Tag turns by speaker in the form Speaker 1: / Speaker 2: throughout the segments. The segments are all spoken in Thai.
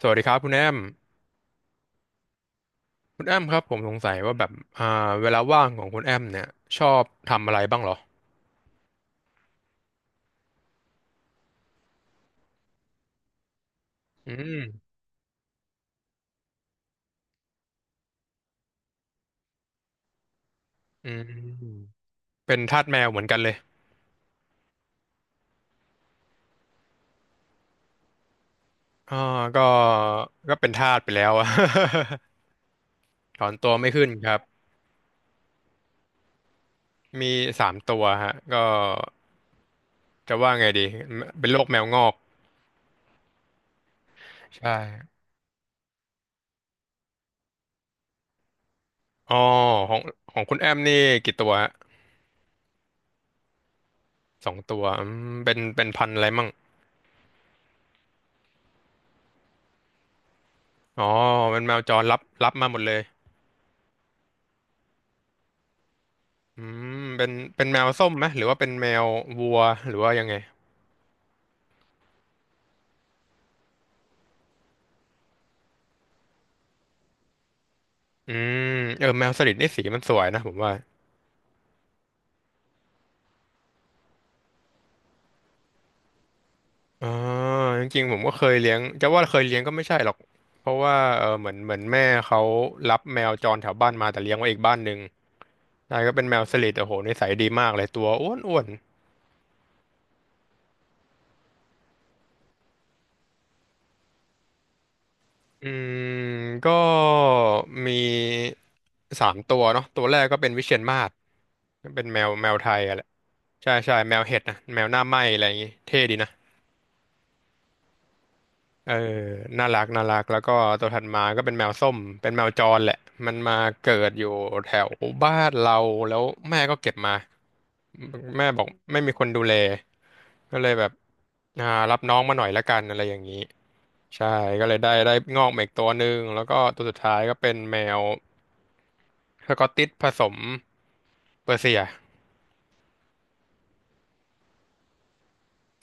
Speaker 1: สวัสดีครับคุณแอมคุณแอมครับผมสงสัยว่าแบบอ่าเวลาว่างของคุณแอมเนี่ยชอบทำอะไรบ้างเหรออืมอืมเป็นทาสแมวเหมือนกันเลยอ่าก็ก็เป็นทาสไปแล้วอะ ถอนตัวไม่ขึ้นครับ มีสามตัวฮะก็จะว่าไงดี เป็นโรคแมวงอก ใช่อ๋อของของคุณแอมนี่กี่ตัวฮะสองตัวอืมเป็นพันธุ์อะไรมั่งอ๋อเป็นแมวจรรับมาหมดเลย อืมเป็นแมวส้มไหมหรือว่าเป็นแมววัวหรือว่ายังไงอืมเออแมวสลิดนี่สีมันสวยนะผมว่าอ๋อจริงๆผมก็เคยเลี้ยงจะว่าเคยเลี้ยงก็ไม่ใช่หรอกเพราะว่าเออเหมือนแม่เขารับแมวจรแถวบ้านมาแต่เลี้ยงไว้อีกบ้านหนึ่งนายก็เป็นแมวสลิดโอ้โหนิสัยดีมากเลยตัวอ้วนอ้วนอืมก็มีสามตัวเนาะตัวแรกก็เป็นวิเชียรมาศเป็นแมวไทยอะแหละใช่ใช่แมวเห็ดนะแมวหน้าไหม้อะไรอย่างงี้เท่ดีนะ เออน่ารักน่ารักแล้วก็ตัวถัดมาก็เป็นแมวส้มเป็นแมวจรแหละมันมาเกิดอยู่แถวบ้านเราแล้วแม่ก็เก็บมาแม่บอกไม่มีคนดูแลก็เลยแบบอ่ารับน้องมาหน่อยละกันอะไรอย่างนี้ใช่ก็เลยได้งอกมาอีกตัวหนึ่งแล้วก็ตัวสุดท้ายก็เป็นแมวสกอตติชผสมเปอร์เซีย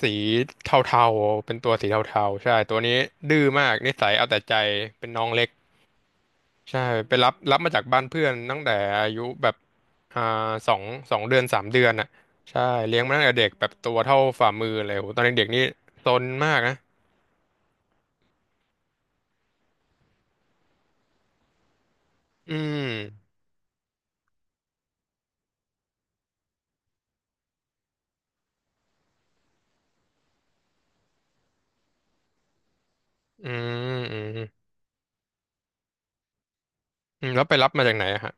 Speaker 1: สีเทาๆเป็นตัวสีเทาๆใช่ตัวนี้ดื้อมากนิสัยเอาแต่ใจเป็นน้องเล็ก ใช่ไปรับมาจากบ้านเพื่อนตั้งแต่อายุแบบอ่าสองสองเดือนสามเดือนอ่ะใช่เลี้ยงมาตั้งแต่เด็กแบบตัวเท่าฝ่ามือเลยโหตอนเด็กๆนี่ซนมากนะอืมอืมอืมอืมแล้วไปรับมาจากไหนอะฮะ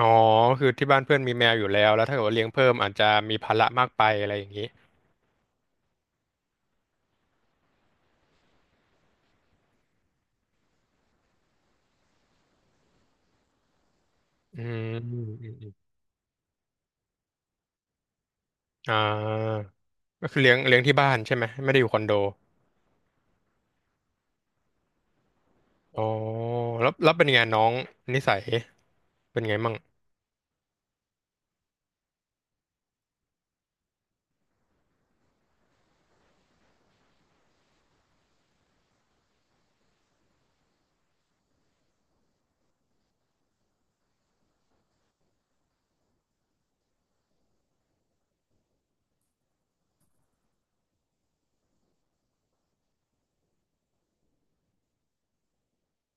Speaker 1: อ๋อคือที่บ้านเพื่อนมีแมวอยู่แล้วแล้วถ้าเกิดว่าเลี้ยงเพิ่มอาจจะมีภาระมากไปอะไรอย่างนี้อืมอืมอืมอมอ่าก็คือเลี้ยงเลี้ยงที่บ้านใช่ไหมไม่ได้อยู่คอนโดอ๋อแล้วแล้วเป็นไงน้องนิสัยเป็นไงมั่ง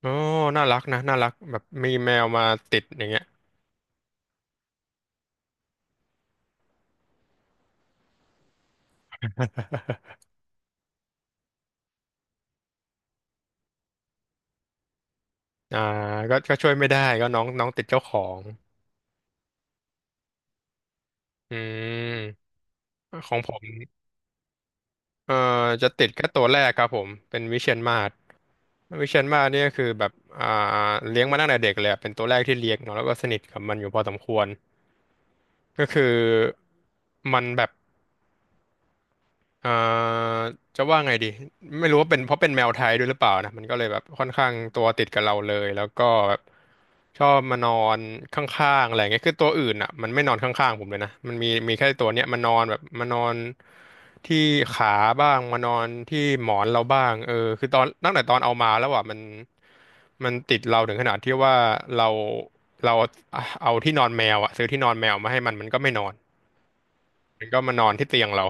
Speaker 1: โอ้น่ารักนะ น่ารักแบบมีแมวมาติดอย่างเงี้ย อ่าก็ก็ช่วยไม่ได้ ก็น้องน้องติดเจ้าของ อืม ของผมเอ่จะติดแค่ตัวแรกครับผม เป็นวิเชียรมาศวิเชียรมาศเนี่ยคือแบบ อ่า เลี้ยงมาตั้งแต่เด็กเลยอะเป็นตัวแรกที่เลี้ยงเนาะแล้วก็สนิทกับมันอยู่พอสมควร ก็คือมันแบบ เอ่อจะว่าไงดีไม่รู้ว่าเป็นเพราะเป็นแมวไทยด้วยหรือเปล่านะมันก็เลยแบบค่อนข้างตัวติดกับเราเลยแล้วก็แบบชอบมานอนข้างๆอะไรเงี้ยคือตัวอื่นอ่ะมันไม่นอนข้างๆผมเลยนะมันมีแค่ตัวเนี้ยมานอนแบบมานอนที่ขาบ้างมานอนที่หมอนเราบ้างเออคือตอนตั้งแต่ตอนเอามาแล้วอ่ะมันมันติดเราถึงขนาดที่ว่าเราเราเอาที่นอนแมวอ่ะซื้อที่นอนแมวมาให้มันมันก็ไม่นอนมันก็มานอนที่เตียงเรา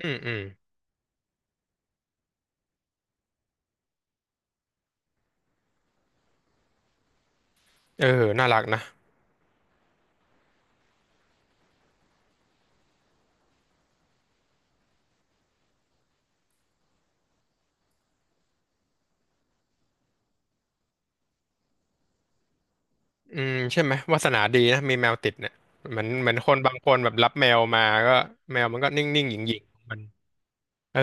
Speaker 1: อืมอืม เออน่ารักนะอืมใช่ไหมวาสนาดีนะมีแมวติดเนี่ยเหมือนคนบางคนแบบรับแมวมาก็แมวมันก็นิ่งๆหยิ่งๆของมันเออ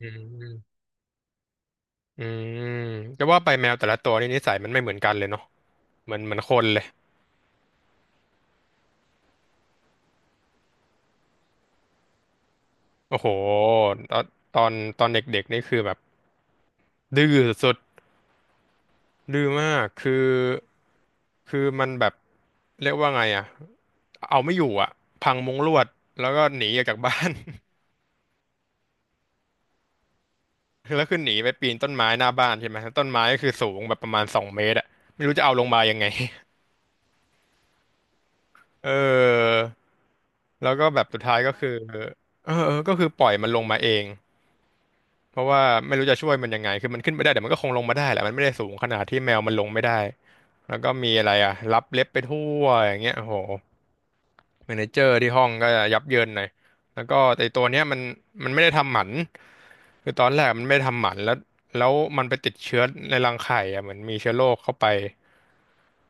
Speaker 1: อืมอืมจะว่าไปแมวแต่ละตัวนี่นิสัยมันไม่เหมือนกันเลยเนาะเหมือนคนเลยโอ้โหตอนตอนตอนเด็กๆนี่คือแบบดื้อสุดๆดื้อมากคือมันแบบเรียกว่าไงอะเอาไม่อยู่อะพังมุ้งลวดแล้วก็หนีออกจากบ้าน คือแล้วคือหนีไปปีนต้นไม้หน้าบ้านใช่ไหมต้นไม้ก็คือสูงแบบประมาณ2 เมตรอะไม่รู้จะเอาลงมายังไง เออ แล้วก็แบบสุดท้ายก็คือ เออเออก็คือปล่อยมันลงมาเอง เพราะว่าไม่รู้จะช่วยมันยังไง คือมันขึ้นไปได้แต่มันก็คงลงมาได้แหละมันไม่ได้สูงขนาดที่แมวมันลงไม่ได้แล้วก็มีอะไรอ่ะรับเล็บไปทั่วอย่างเงี้ยโอ้โหเมเนเจอร์ที่ห้องก็ยับเยินหน่อยแล้วก็แต่ตัวเนี้ยมันมันไม่ได้ทำหมันคือตอนแรกมันไม่ได้ทำหมันแล้วแล้วมันไปติดเชื้อในรังไข่อ่ะเหมือนมีเชื้อโรคเข้าไป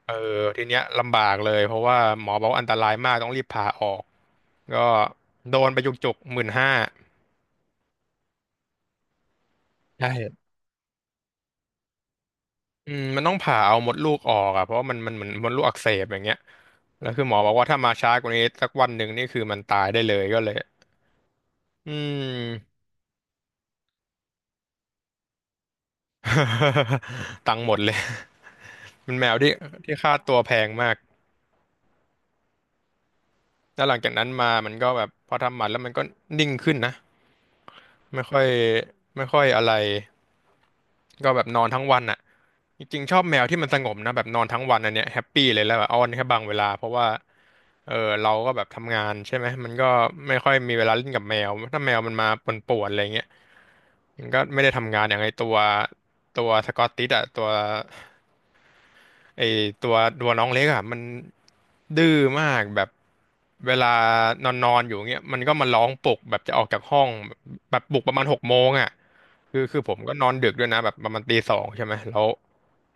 Speaker 1: เออทีเนี้ยลำบากเลยเพราะว่าหมอบอกว่าอันตรายมากต้องรีบผ่าออกก็โดนไปจุกๆ15,000ใช่อืมมันต้องผ่าเอามดลูกออกอ่ะเพราะว่ามันเหมือนมดลูกอักเสบอย่างเงี้ยแล้วคือหมอบอกว่าถ้ามาช้ากว่านี้สักวันหนึ่งนี่คือมันตายได้เลยก็เลยอืม ตังค์หมดเลย มันแมวที่ค่าตัวแพงมากแล้วหลังจากนั้นมามันก็แบบพอทำหมันแล้วมันก็นิ่งขึ้นนะไม่ค่อยไม่ค่อยอะไร ก็แบบนอนทั้งวันอ่ะจริงๆชอบแมวที่มันสงบนะแบบนอนทั้งวันอันเนี้ยแฮปปี้เลยแล้วแบบอ้อนแค่บางเวลาเพราะว่าเออเราก็แบบทำงานใช่ไหมมันก็ไม่ค่อยมีเวลาเล่นกับแมวถ้าแมวมันมาป่วนๆอะไรเงี้ยมันก็ไม่ได้ทำงานอย่างไอตัวสกอตติชอะตัว ไอตัวตัวน้องเล็กอ่ะมันดื้อมากแบบเวลานอนนอนอยู่เงี้ยมันก็มาร้องปลุกแบบจะออกจากห้องแบบปลุกประมาณหกโมงอ่ะคือผมก็นอนดึกด้วยนะแบบประมาณตี 2ใช่ไหมแล้ว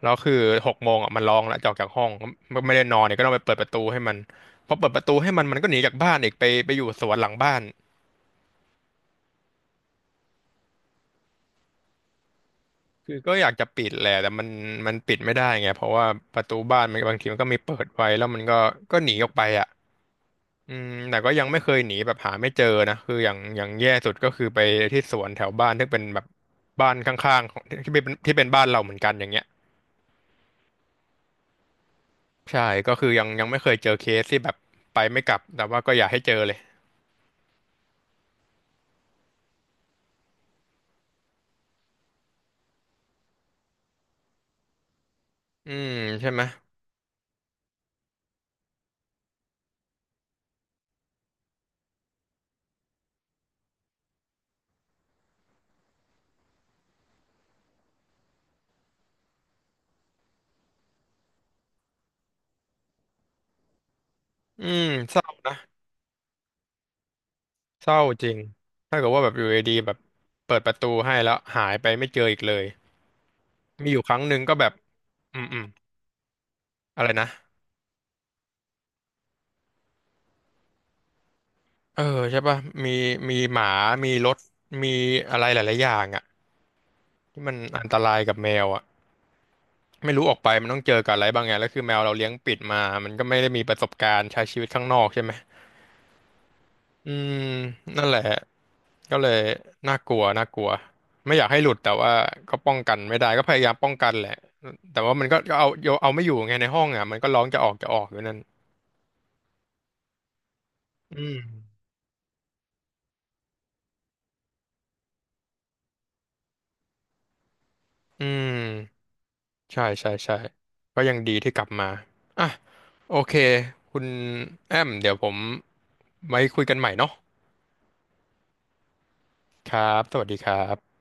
Speaker 1: แล้วคือหกโมงอ่ะมันร้องแล้วจะออกจากห้องมันไม่ได้นอนเนี่ยก็ต้องไปเปิดประตูให้มันพอเปิดประตูให้มันมันก็หนีจากบ้านอีกไปอยู่สวนหลังบ้านคือก็อยากจะปิดแหละแต่มันมันปิดไม่ได้ไงเพราะว่าประตูบ้านมันบางทีมันก็มีเปิดไว้แล้วมันก็หนีออกไปอ่ะ อืมแต่ก็ยังไม่เคยหนีแบบหาไม่เจอนะคืออย่างแย่สุดก็คือไปที่สวนแถวบ้านที่เป็นแบบบ้านข้างๆของที่เป็นบ้านเราเหมือนกันอย่างเงี้ยใช่ก็คือยังไม่เคยเจอเคสที่แบบไปไม่กลับแต่ว่าก็อยากให้เจอเลยอืมใช่ไหมอืมเศร้านะเศร้าจริงถ้าเกิดว่าแบบอยู่ดีๆแบบเปิดประตูให้แล้วหายไปไม่เจออีกเลยมีอยู่ครั้งหนึ่งก็แบบอืมอืมอะไรนะเออใช่ป่ะมีมีหมามีรถมีอะไรหลายๆอย่างอ่ะ ที่มันอันตรายกับแมวอ่ะไม่รู้ออกไปมันต้องเจอกับอะไรบ้างไงแล้วคือแมวเราเลี้ยงปิดมามันก็ไม่ได้มีประสบการณ์ใช้ชีวิตข้างนอกใช่ไหมอืมนั่นแหละก็เลยน่ากลัวน่ากลัวไม่อยากให้หลุดแต่ว่าก็ป้องกันไม่ได้ก็พยายามป้องกันแหละแต่ว่ามันก็เอาโยเอาไม่อยู่ไงในห้องอ่ะมันก็ร้องจะออกอยู่นั่นอืมอืมใช่ใช่ใช่ก็ยังดีที่กลับมาอ่ะโอเคคุณแอมเดี๋ยวผมไว้คุยกันใหม่เนาะครับสวัสดีครับ